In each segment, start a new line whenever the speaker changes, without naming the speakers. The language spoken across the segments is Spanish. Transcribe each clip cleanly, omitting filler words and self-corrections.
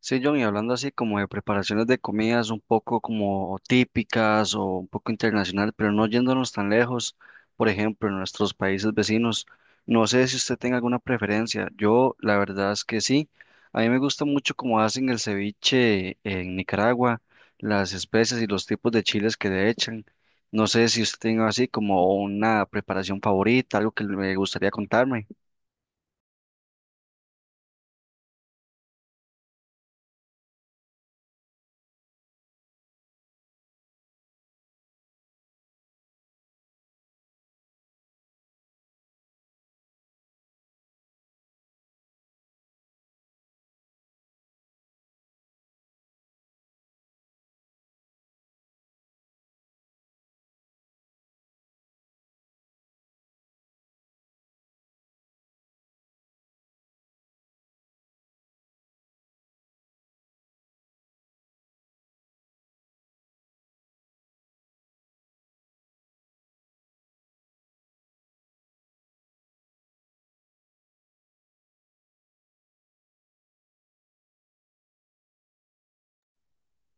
Sí, John, y hablando así como de preparaciones de comidas un poco como típicas o un poco internacional, pero no yéndonos tan lejos, por ejemplo, en nuestros países vecinos, no sé si usted tenga alguna preferencia. Yo, la verdad es que sí. A mí me gusta mucho cómo hacen el ceviche en Nicaragua, las especias y los tipos de chiles que le echan. No sé si usted tenga así como una preparación favorita, algo que le gustaría contarme.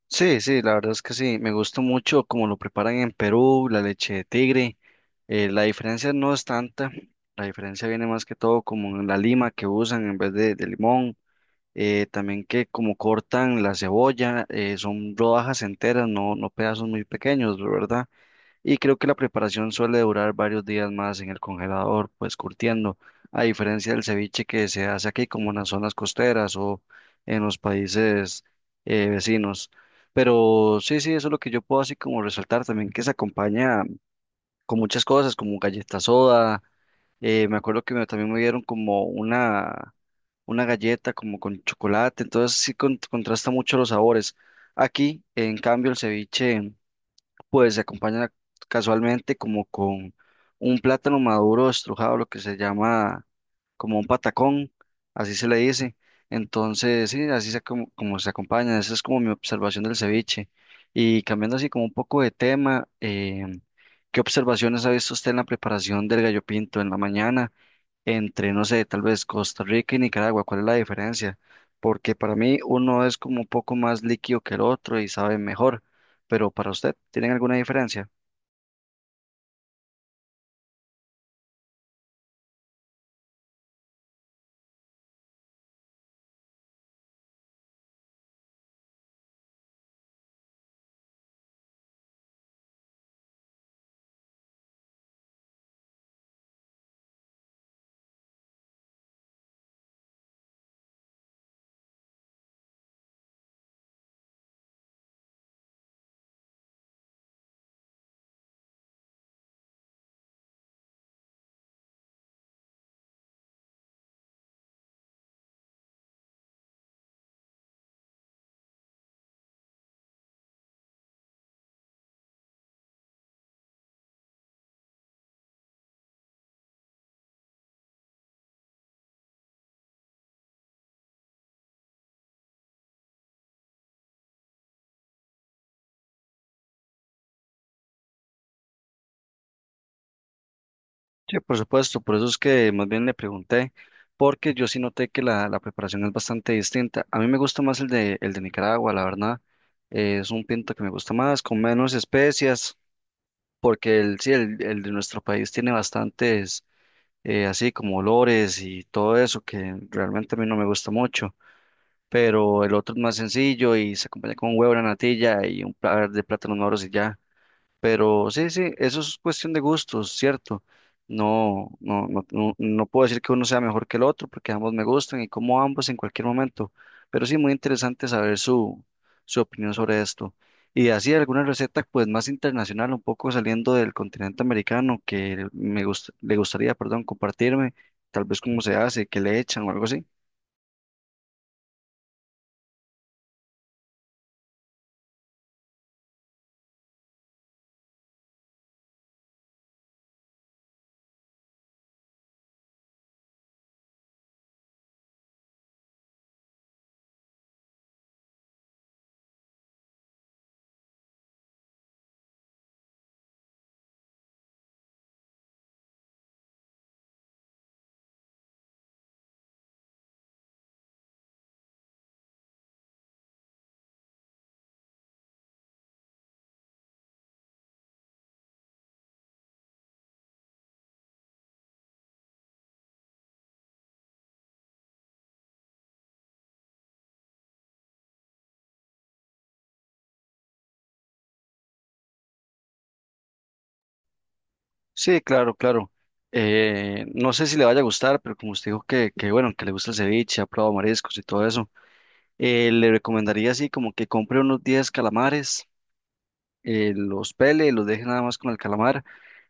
Sí, sí, la verdad es que sí, me gusta mucho cómo lo preparan en Perú, la leche de tigre. La diferencia no es tanta, la diferencia viene más que todo como en la lima que usan en vez de limón, también que como cortan la cebolla, son rodajas enteras, no, no pedazos muy pequeños, ¿verdad? Y creo que la preparación suele durar varios días más en el congelador, pues curtiendo, a diferencia del ceviche que se hace aquí como en las zonas costeras o en los países vecinos. Pero sí, sí, eso es lo que yo puedo así como resaltar también, que se acompaña con muchas cosas, como galleta soda. Me acuerdo que también me dieron como una galleta como con chocolate, entonces sí contrasta mucho los sabores. Aquí, en cambio, el ceviche pues se acompaña casualmente como con un plátano maduro estrujado, lo que se llama como un patacón, así se le dice. Entonces, sí, así se como, como se acompaña. Esa es como mi observación del ceviche. Y cambiando así como un poco de tema, ¿qué observaciones ha visto usted en la preparación del gallo pinto en la mañana entre, no sé, tal vez Costa Rica y Nicaragua? ¿Cuál es la diferencia? Porque para mí uno es como un poco más líquido que el otro y sabe mejor, pero para usted, ¿tienen alguna diferencia? Sí, por supuesto, por eso es que más bien le pregunté, porque yo sí noté que la preparación es bastante distinta. A mí me gusta más el de Nicaragua, la verdad. Es un pinto que me gusta más, con menos especias, porque el de nuestro país tiene bastantes, así como olores y todo eso, que realmente a mí no me gusta mucho. Pero el otro es más sencillo y se acompaña con un huevo, una natilla y un par de plátanos moros y ya. Pero sí, sí, eso es cuestión de gustos, ¿cierto? No, no, no, no, no puedo decir que uno sea mejor que el otro porque ambos me gustan y como ambos en cualquier momento. Pero sí, muy interesante saber su opinión sobre esto. Y así alguna receta pues más internacional, un poco saliendo del continente americano que me le gustaría, perdón, compartirme, tal vez cómo se hace, qué le echan o algo así. Sí, claro, claro. No sé si le vaya a gustar, pero como usted dijo que bueno, que le gusta el ceviche, ha probado mariscos y todo eso. Le recomendaría así como que compre unos 10 calamares, los pele, los deje nada más con el calamar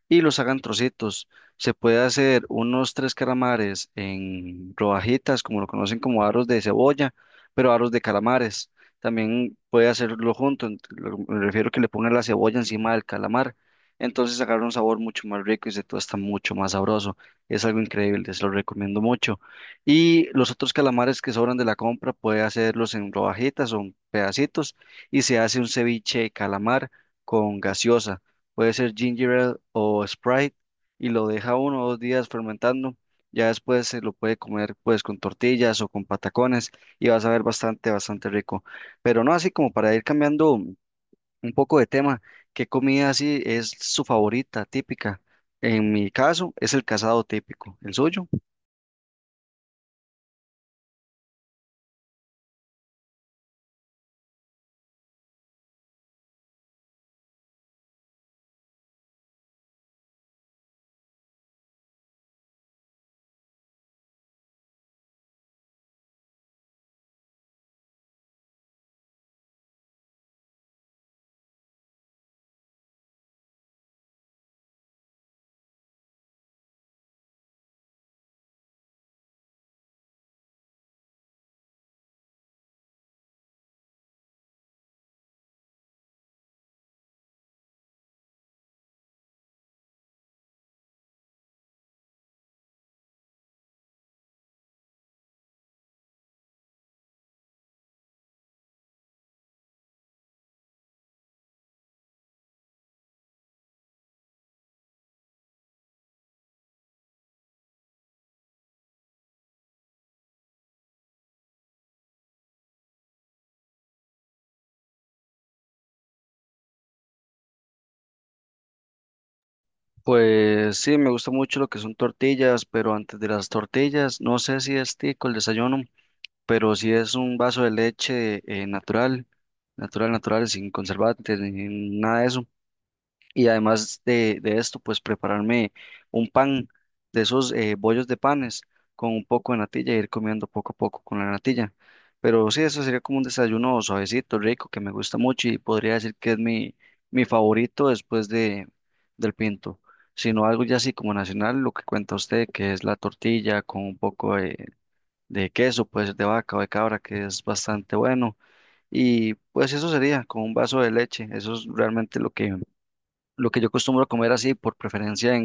y los hagan trocitos. Se puede hacer unos tres calamares en rodajitas, como lo conocen como aros de cebolla, pero aros de calamares. También puede hacerlo junto, me refiero que le pongan la cebolla encima del calamar. Entonces agarra un sabor mucho más rico y se está mucho más sabroso. Es algo increíble, se lo recomiendo mucho. Y los otros calamares que sobran de la compra puede hacerlos en rodajitas o en pedacitos y se hace un ceviche de calamar con gaseosa, puede ser ginger ale o Sprite, y lo deja uno o dos días fermentando. Ya después se lo puede comer pues con tortillas o con patacones y vas a ver bastante, bastante rico. Pero no, así como para ir cambiando un poco de tema, ¿qué comida así es su favorita típica? En mi caso es el casado típico, ¿el suyo? Pues sí, me gusta mucho lo que son tortillas, pero antes de las tortillas, no sé si es tico el desayuno, pero si es un vaso de leche, natural, natural, natural, sin conservantes, ni nada de eso. Y además de esto, pues prepararme un pan de esos, bollos de panes con un poco de natilla y ir comiendo poco a poco con la natilla. Pero sí, eso sería como un desayuno suavecito, rico, que me gusta mucho y podría decir que es mi favorito después del pinto. Sino algo ya así como nacional, lo que cuenta usted, que es la tortilla con un poco de queso, puede ser de vaca o de cabra, que es bastante bueno. Y pues eso sería con un vaso de leche. Eso es realmente lo que yo acostumbro a comer así por preferencia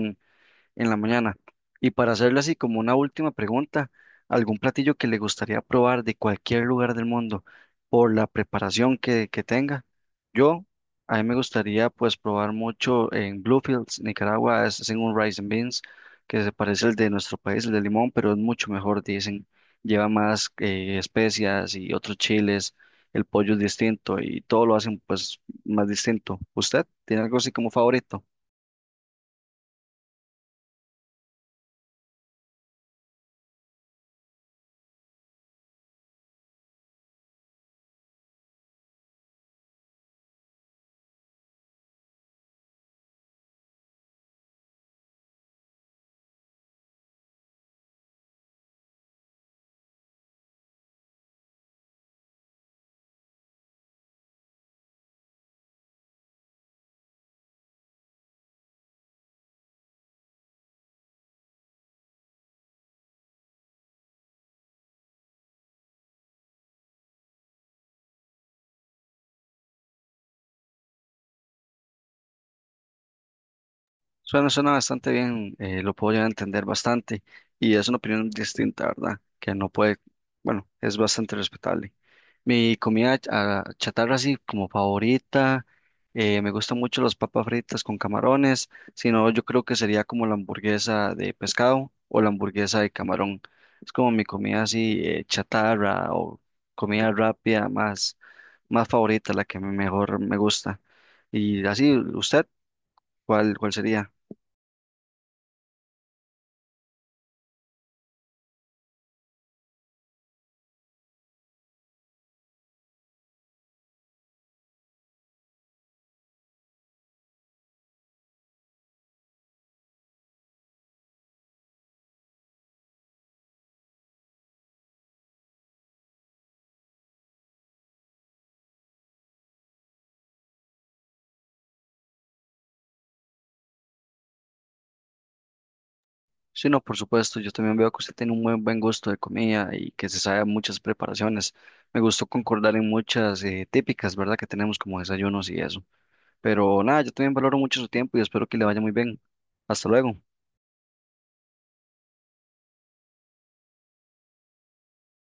en la mañana. Y para hacerle así como una última pregunta, ¿algún platillo que le gustaría probar de cualquier lugar del mundo por la preparación que tenga? Yo, a mí me gustaría pues probar mucho en Bluefields, Nicaragua, es, hacen un rice and beans que se parece al de nuestro país, el de limón, pero es mucho mejor, dicen. Lleva más, especias y otros chiles, el pollo es distinto y todo lo hacen pues más distinto. ¿Usted tiene algo así como favorito? Suena, suena bastante bien, lo puedo llegar a entender bastante y es una opinión distinta, ¿verdad? Que no puede, bueno, es bastante respetable. Mi comida ah, chatarra así como favorita, me gustan mucho las papas fritas con camarones, si no yo creo que sería como la hamburguesa de pescado o la hamburguesa de camarón. Es como mi comida así, chatarra o comida rápida más favorita, la que mejor me gusta. Y así, ¿usted cuál sería? Sí, no, por supuesto. Yo también veo que usted tiene un muy buen gusto de comida y que se sabe muchas preparaciones. Me gustó concordar en muchas, típicas, ¿verdad? Que tenemos como desayunos y eso. Pero nada, yo también valoro mucho su tiempo y espero que le vaya muy bien. Hasta luego.